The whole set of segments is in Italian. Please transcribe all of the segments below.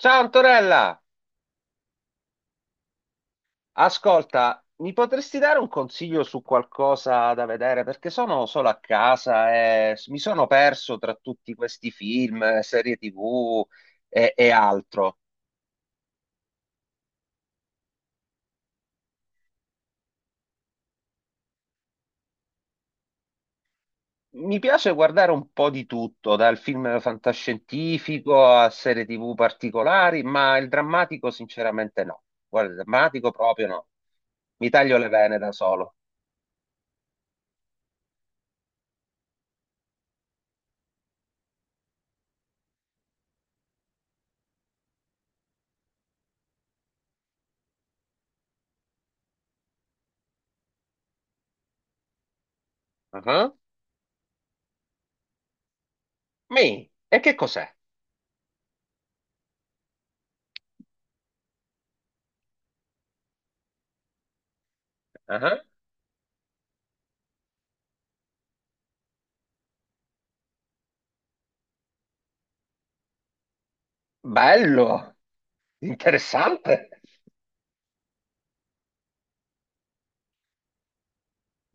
Ciao Antonella, ascolta, mi potresti dare un consiglio su qualcosa da vedere? Perché sono solo a casa e mi sono perso tra tutti questi film, serie TV e altro. Mi piace guardare un po' di tutto, dal film fantascientifico a serie TV particolari, ma il drammatico sinceramente no. Guarda, il drammatico proprio no. Mi taglio le vene da solo. Ah. E che cos'è? Ah, bello, interessante.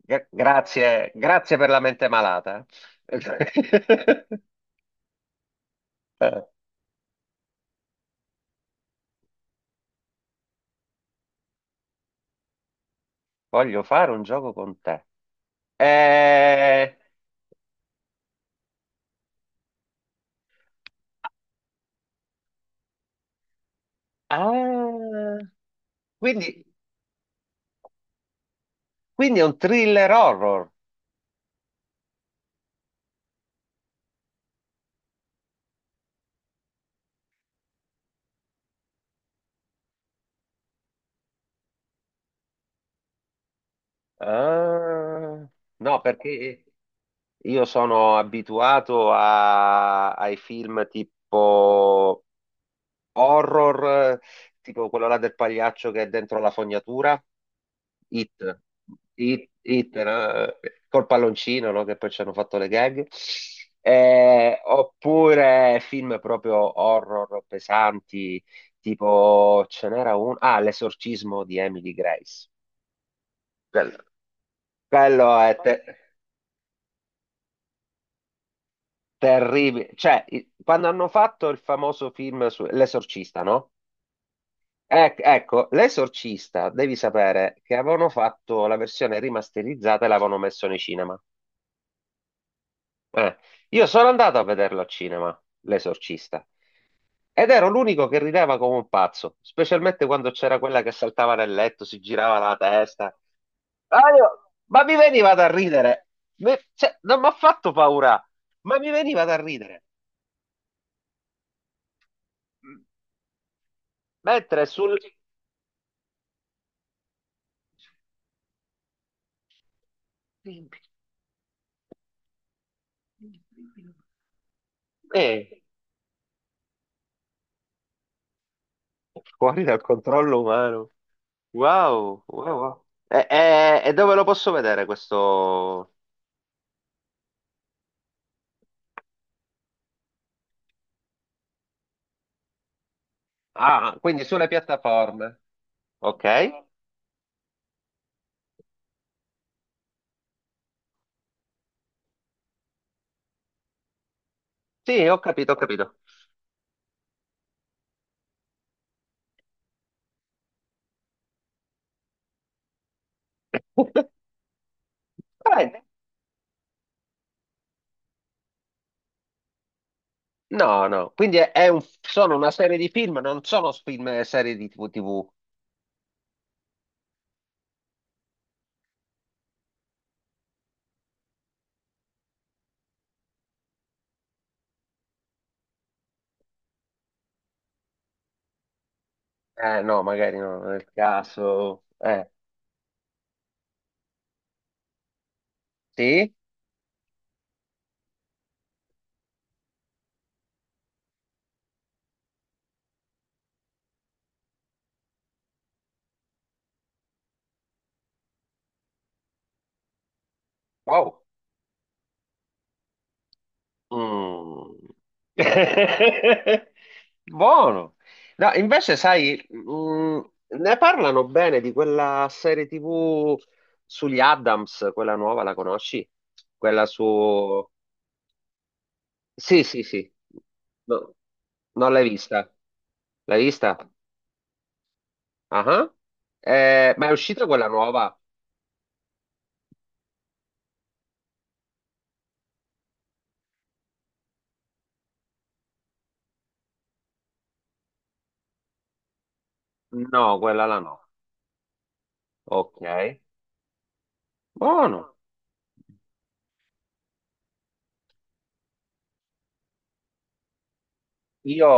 Grazie, grazie per la mente malata. Voglio fare un gioco con te. Eh, ah, quindi, quindi è un thriller horror. Ah, no, perché io sono ai film tipo horror, tipo quello là del pagliaccio che è dentro la fognatura. Hit, Hit, Hit, no? Col palloncino, no? Che poi ci hanno fatto le gag. Oppure film proprio horror pesanti, tipo ce n'era uno, ah, L'esorcismo di Emily Grace. Quello, quello è terribile. Cioè, quando hanno fatto il famoso film su L'esorcista, no? Ecco, L'esorcista, devi sapere che avevano fatto la versione rimasterizzata e l'avevano messo nei cinema. Eh, io sono andato a vederlo al cinema, L'Esorcista, ed ero l'unico che rideva come un pazzo, specialmente quando c'era quella che saltava nel letto, si girava la testa. Ma, ma mi veniva da ridere. Cioè, non mi ha fatto paura, ma mi veniva da ridere. Mentre sul... eh, fuori dal controllo umano. Wow, wow, wow. E dove lo posso vedere questo? Ah, quindi sulle piattaforme. Ok. Sì, ho capito, ho capito. Bene. No, no, quindi è un- sono una serie di film, non sono film e serie di TV. No, magari no, nel caso. Sì? Wow. Mm. Buono. No, invece, sai, ne parlano bene di quella serie TV sugli Addams, quella nuova, la conosci? Quella su... Sì, sì, sì. No, non l'hai vista. L'hai vista? Ah. Ma è uscita quella nuova? No, quella là no. Ok. Buono. Io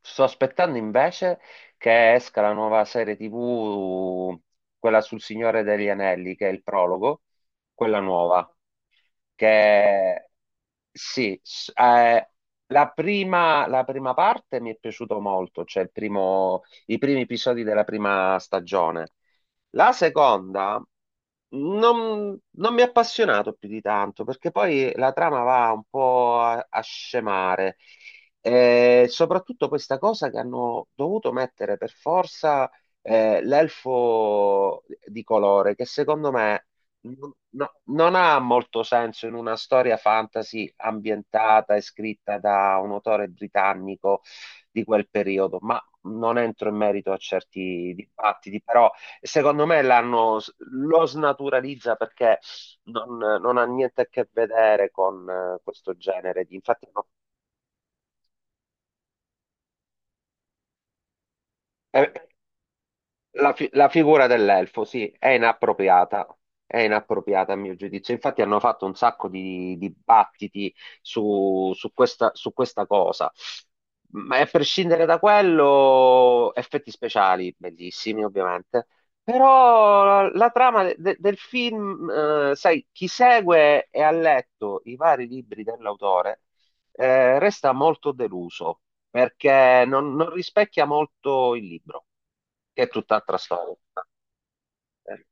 sto aspettando invece che esca la nuova serie TV, quella sul Signore degli Anelli, che è il prologo, quella nuova. Che sì, la prima parte mi è piaciuto molto, cioè il i primi episodi della prima stagione. La seconda non, non mi ha appassionato più di tanto, perché poi la trama va un po' a, a scemare. E soprattutto questa cosa che hanno dovuto mettere per forza l'elfo di colore, che secondo me non ha molto senso in una storia fantasy ambientata e scritta da un autore britannico di quel periodo, ma non entro in merito a certi dibattiti, però secondo me lo snaturalizza perché non, non ha niente a che vedere con questo genere. Infatti, no. La, la figura dell'elfo, sì, è inappropriata a mio giudizio. Infatti hanno fatto un sacco di dibattiti su, su questa cosa. Ma a prescindere da quello, effetti speciali, bellissimi ovviamente, però la, la trama del film, sai, chi segue e ha letto i vari libri dell'autore, resta molto deluso perché non, non rispecchia molto il libro, che è tutt'altra storia. Eh,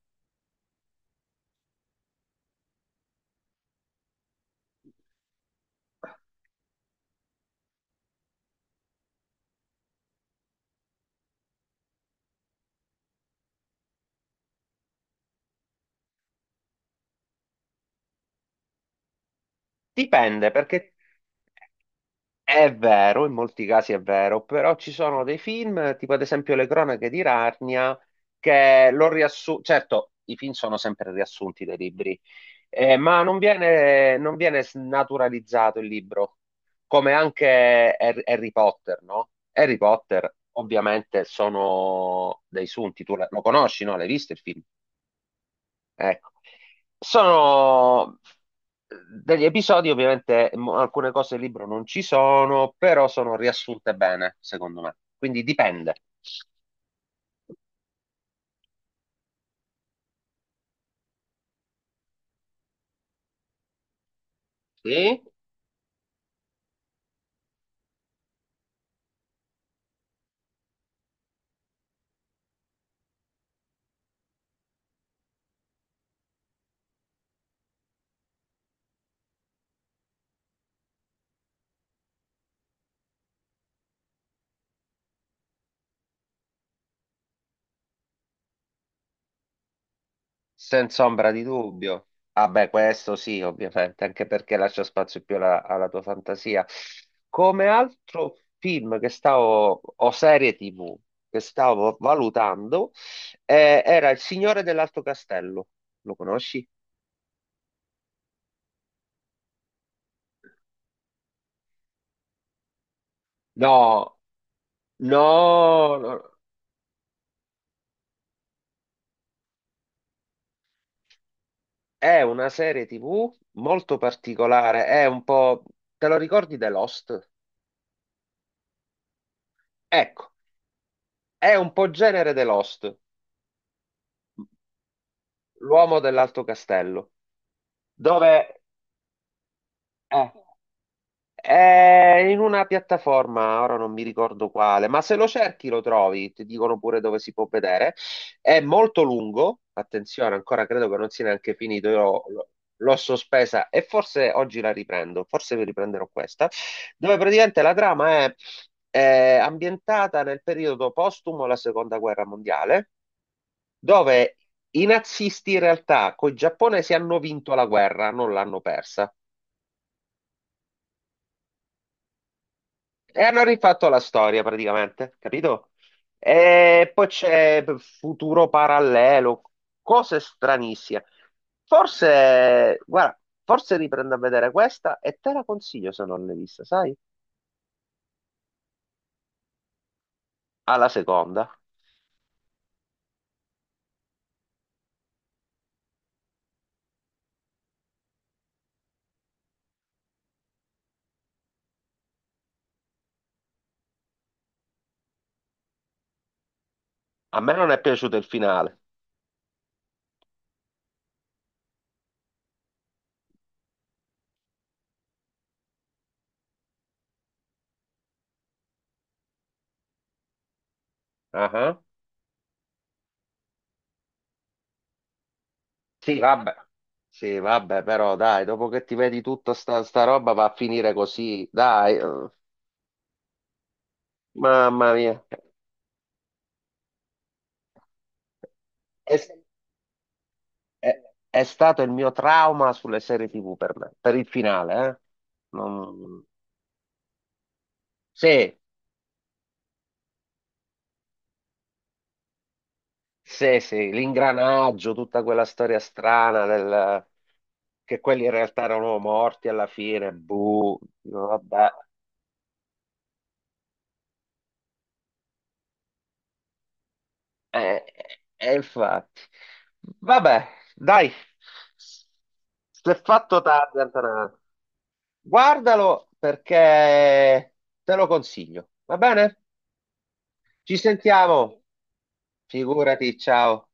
Dipende, perché è vero, in molti casi è vero, però ci sono dei film, tipo ad esempio Le cronache di Narnia, che lo riassunto. Certo, i film sono sempre riassunti dai libri, ma non viene, non viene snaturalizzato il libro, come anche Harry Potter, no? Harry Potter, ovviamente, sono dei sunti, tu lo conosci, no? L'hai visto il film? Ecco, sono eh, degli episodi, ovviamente alcune cose del libro non ci sono, però sono riassunte bene, secondo me. Quindi dipende. Sì? Senza ombra di dubbio. Ah beh, questo sì, ovviamente, anche perché lascia spazio più alla, alla tua fantasia. Come altro film o serie TV che stavo valutando, era Il Signore dell'Alto Castello. Lo conosci? No, no, no, è una serie TV molto particolare, è un po'... Te lo ricordi The Lost? Ecco, è un po' genere The Lost, l'uomo dell'Alto Castello, dove... eh, è in una piattaforma, ora non mi ricordo quale, ma se lo cerchi lo trovi, ti dicono pure dove si può vedere. È molto lungo, attenzione, ancora credo che non sia neanche finito, l'ho sospesa e forse oggi la riprendo, forse vi riprenderò questa, dove praticamente è ambientata nel periodo postumo alla Seconda Guerra Mondiale, dove i nazisti in realtà con i giapponesi hanno vinto la guerra, non l'hanno persa. E hanno rifatto la storia praticamente, capito? E poi c'è futuro parallelo, cose stranissime. Forse, guarda, forse riprendo a vedere questa e te la consiglio se non l'hai vista, sai? Alla seconda. A me non è piaciuto il finale. Ah, sì, vabbè. Sì, vabbè, però dai, dopo che ti vedi tutta sta roba va a finire così, dai. Eh. Mamma mia. E- È, è stato il mio trauma sulle serie TV per me, per il finale, eh. Non- Sì, sì, sì, l'ingranaggio, tutta quella storia strana del... che quelli in realtà erano morti alla fine, buh, dico, vabbè, eh, infatti. Vabbè, dai, si è fatto tardi, Antonella. Guardalo perché te lo consiglio, va bene? Ci sentiamo. Figurati, ciao.